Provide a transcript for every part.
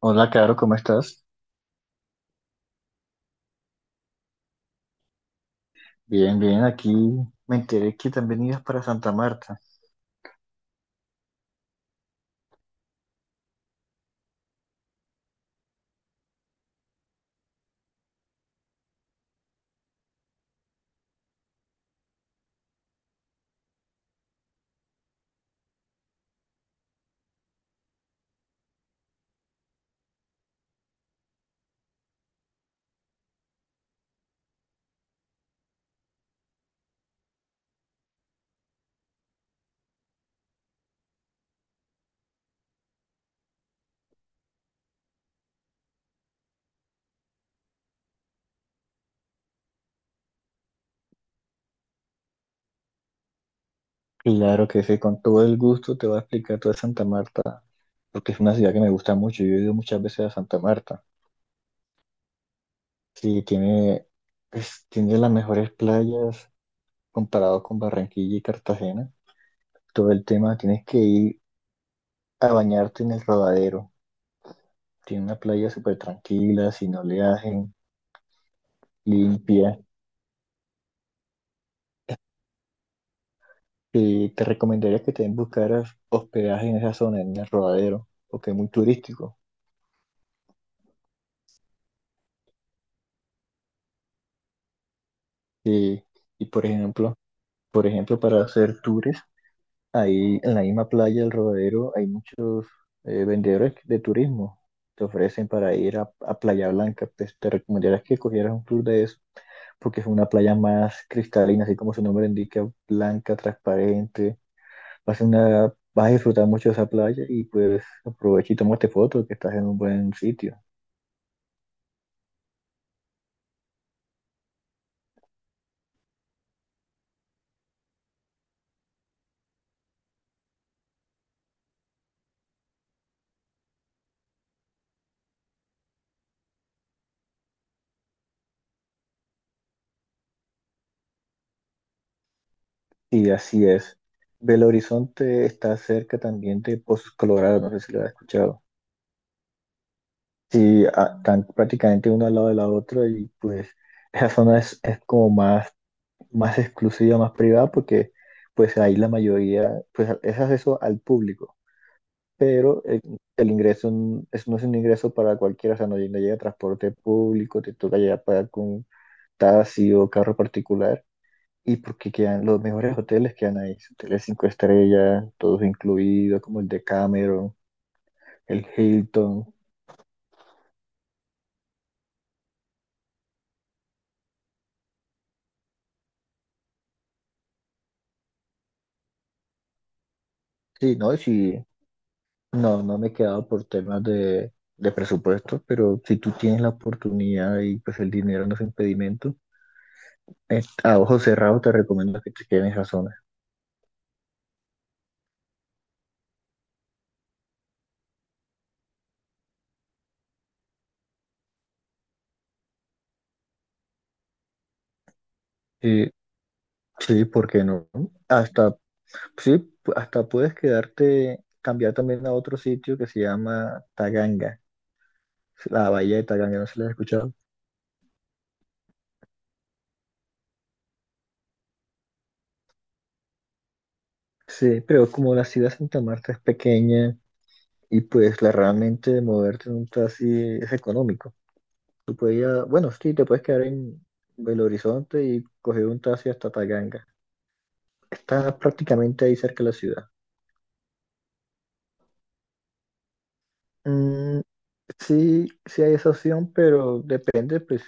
Hola, Caro, ¿cómo estás? Bien, bien, aquí me enteré que también ibas para Santa Marta. Claro que sí, con todo el gusto te voy a explicar toda Santa Marta, porque es una ciudad que me gusta mucho. Yo he ido muchas veces a Santa Marta. Sí, tiene, pues, tiene las mejores playas comparado con Barranquilla y Cartagena. Todo el tema, tienes que ir a bañarte en el Rodadero. Tiene una playa súper tranquila, sin oleaje, limpia. Y te recomendaría que también buscaras hospedaje en esa zona, en el Rodadero, porque es muy turístico. Y, y por ejemplo, para hacer tours, ahí en la misma playa del Rodadero hay muchos vendedores de turismo. Te ofrecen para ir a Playa Blanca. Pues te recomendaría que cogieras un tour de eso, porque es una playa más cristalina, así como su nombre indica, blanca, transparente. Vas a disfrutar mucho de esa playa y pues aprovecha y tómate fotos que estás en un buen sitio. Sí, así es. Belo Horizonte está cerca también de Pozos Colorado, no sé si lo has escuchado. Sí, están prácticamente uno al lado de la otra y pues esa zona es como más, más exclusiva, más privada porque pues ahí la mayoría, pues es acceso al público, pero el ingreso no es un ingreso para cualquiera, o sea, no llega transporte público, te toca ya pagar con taxi o carro particular. Y porque quedan los mejores hoteles quedan ahí, hoteles cinco estrellas, todos incluidos, como el de Cameron, el Hilton. Sí, no, sí, no, no me he quedado por temas de presupuesto, pero si tú tienes la oportunidad y pues el dinero no es impedimento, a ojos cerrados te recomiendo que te quedes en esa zona. Sí, sí, ¿por qué no? Hasta, sí, hasta puedes quedarte, cambiar también a otro sitio que se llama Taganga, la bahía de Taganga, ¿no se la has escuchado? Sí, pero como la ciudad de Santa Marta es pequeña y pues la realmente de moverte en un taxi es económico. Tú puedes ir bueno, sí, te puedes quedar en Belo Horizonte y coger un taxi hasta Taganga. Está prácticamente ahí cerca de la ciudad. Mm, sí, sí hay esa opción, pero depende, pues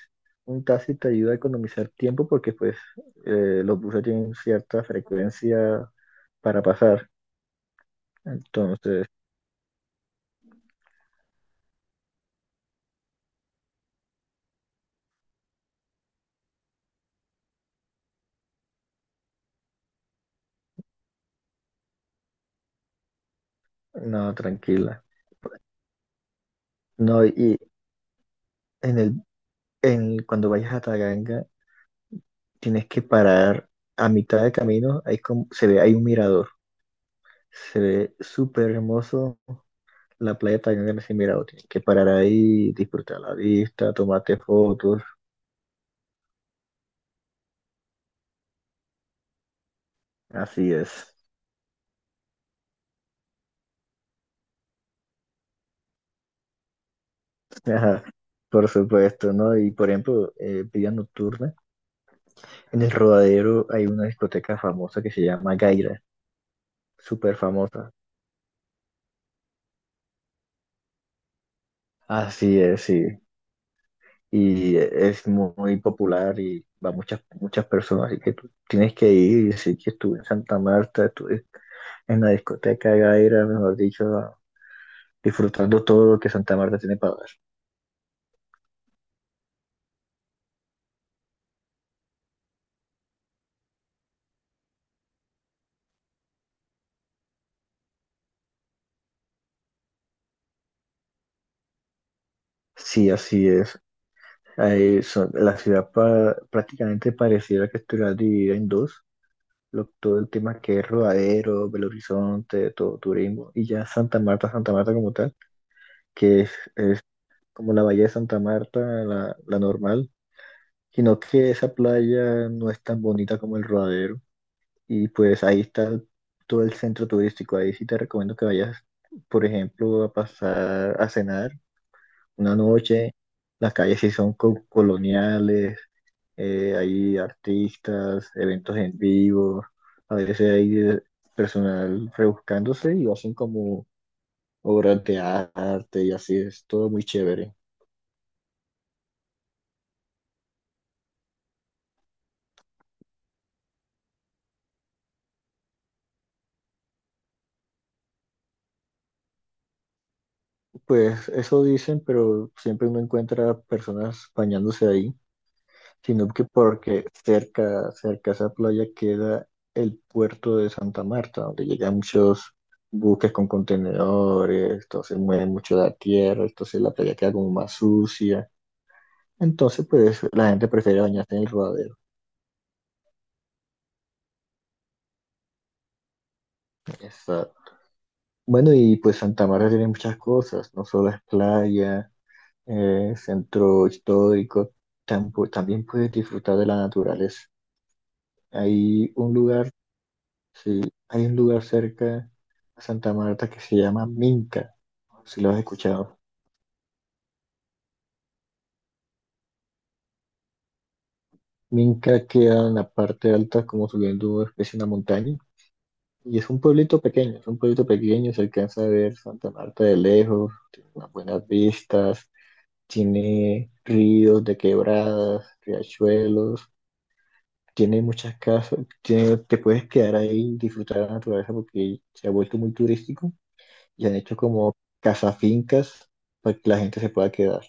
un taxi te ayuda a economizar tiempo porque pues los buses tienen cierta frecuencia para pasar. Entonces, no, tranquila. No, y en el cuando vayas a Taganga, tienes que parar a mitad de camino. Hay como, se ve, hay un mirador. Se ve súper hermoso la playa de Taganga en ese mirador. Tienes que parar ahí, disfrutar la vista, tomarte fotos. Así es. Ajá, por supuesto, ¿no? Y por ejemplo, vida nocturna. En el Rodadero hay una discoteca famosa que se llama Gaira, súper famosa. Así es, sí. Y es muy popular y va muchas muchas personas, así que tú tienes que ir y decir que estuve en Santa Marta, estuve en la discoteca de Gaira, mejor dicho, disfrutando todo lo que Santa Marta tiene para dar. Sí, así es. Ahí la ciudad prácticamente pareciera que estuviera dividida en dos. Todo el tema que es Rodadero, Belo Horizonte, todo turismo, y ya Santa Marta, Santa Marta como tal, que es como la bahía de Santa Marta, la normal, sino que esa playa no es tan bonita como el Rodadero y pues ahí está todo el centro turístico. Ahí sí te recomiendo que vayas, por ejemplo, a pasar a cenar una noche. Las calles sí son coloniales, hay artistas, eventos en vivo, a veces hay personal rebuscándose y hacen como obras de arte y así es todo muy chévere. Pues eso dicen, pero siempre uno encuentra personas bañándose ahí. Sino que porque cerca a esa playa queda el puerto de Santa Marta, donde llegan muchos buques con contenedores, entonces mueven mucho la tierra, entonces la playa queda como más sucia. Entonces, pues la gente prefiere bañarse en el rodadero. Exacto. Bueno, y pues Santa Marta tiene muchas cosas, no solo es playa, centro histórico, también puedes disfrutar de la naturaleza. Hay un lugar. Sí, hay un lugar cerca a Santa Marta que se llama Minca, si lo has escuchado. Minca queda en la parte alta, como subiendo una especie de una montaña, y es un pueblito pequeño, es un pueblito pequeño, se alcanza a ver Santa Marta de lejos, tiene unas buenas vistas, tiene ríos de quebradas, riachuelos, tiene muchas casas, te puedes quedar ahí y disfrutar de la naturaleza porque se ha vuelto muy turístico y han hecho como casa fincas para que la gente se pueda quedar.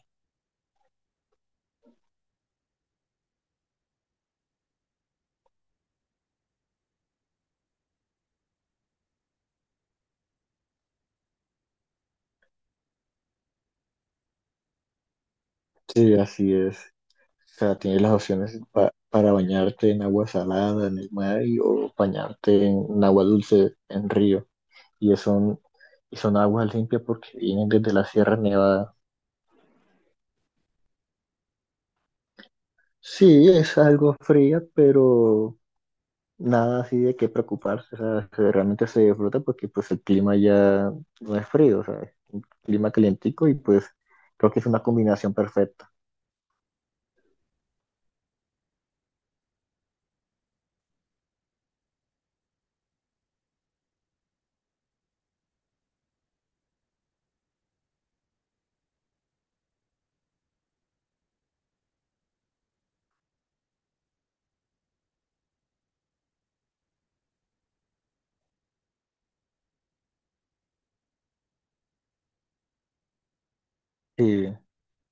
Sí, así es. O sea, tienes las opciones para bañarte en agua salada, en el mar, o bañarte en agua dulce, en río. Y es son, y son aguas limpias porque vienen desde la Sierra Nevada. Sí, es algo fría, pero nada así de qué preocuparse. O sea, realmente se disfruta porque pues el clima ya no es frío, o sea, es un clima calientico y pues creo que es una combinación perfecta. Sí.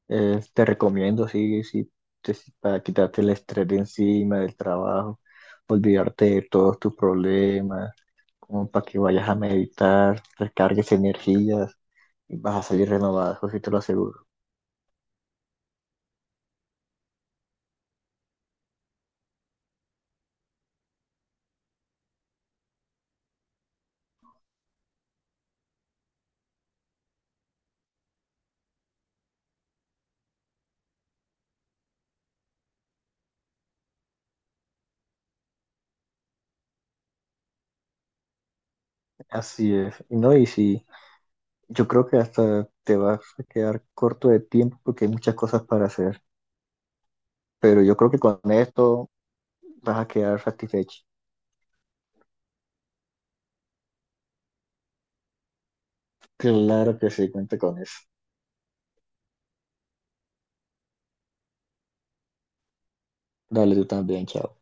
Te recomiendo, sí, sí, sí, para quitarte el estrés de encima del trabajo, olvidarte de todos tus problemas, como para que vayas a meditar, recargues energías y vas a salir renovado, eso sí te lo aseguro. Así es. Y No, y sí, yo creo que hasta te vas a quedar corto de tiempo porque hay muchas cosas para hacer, pero yo creo que con esto vas a quedar satisfecho. Claro que sí, cuenta con eso. Dale tú también, chao.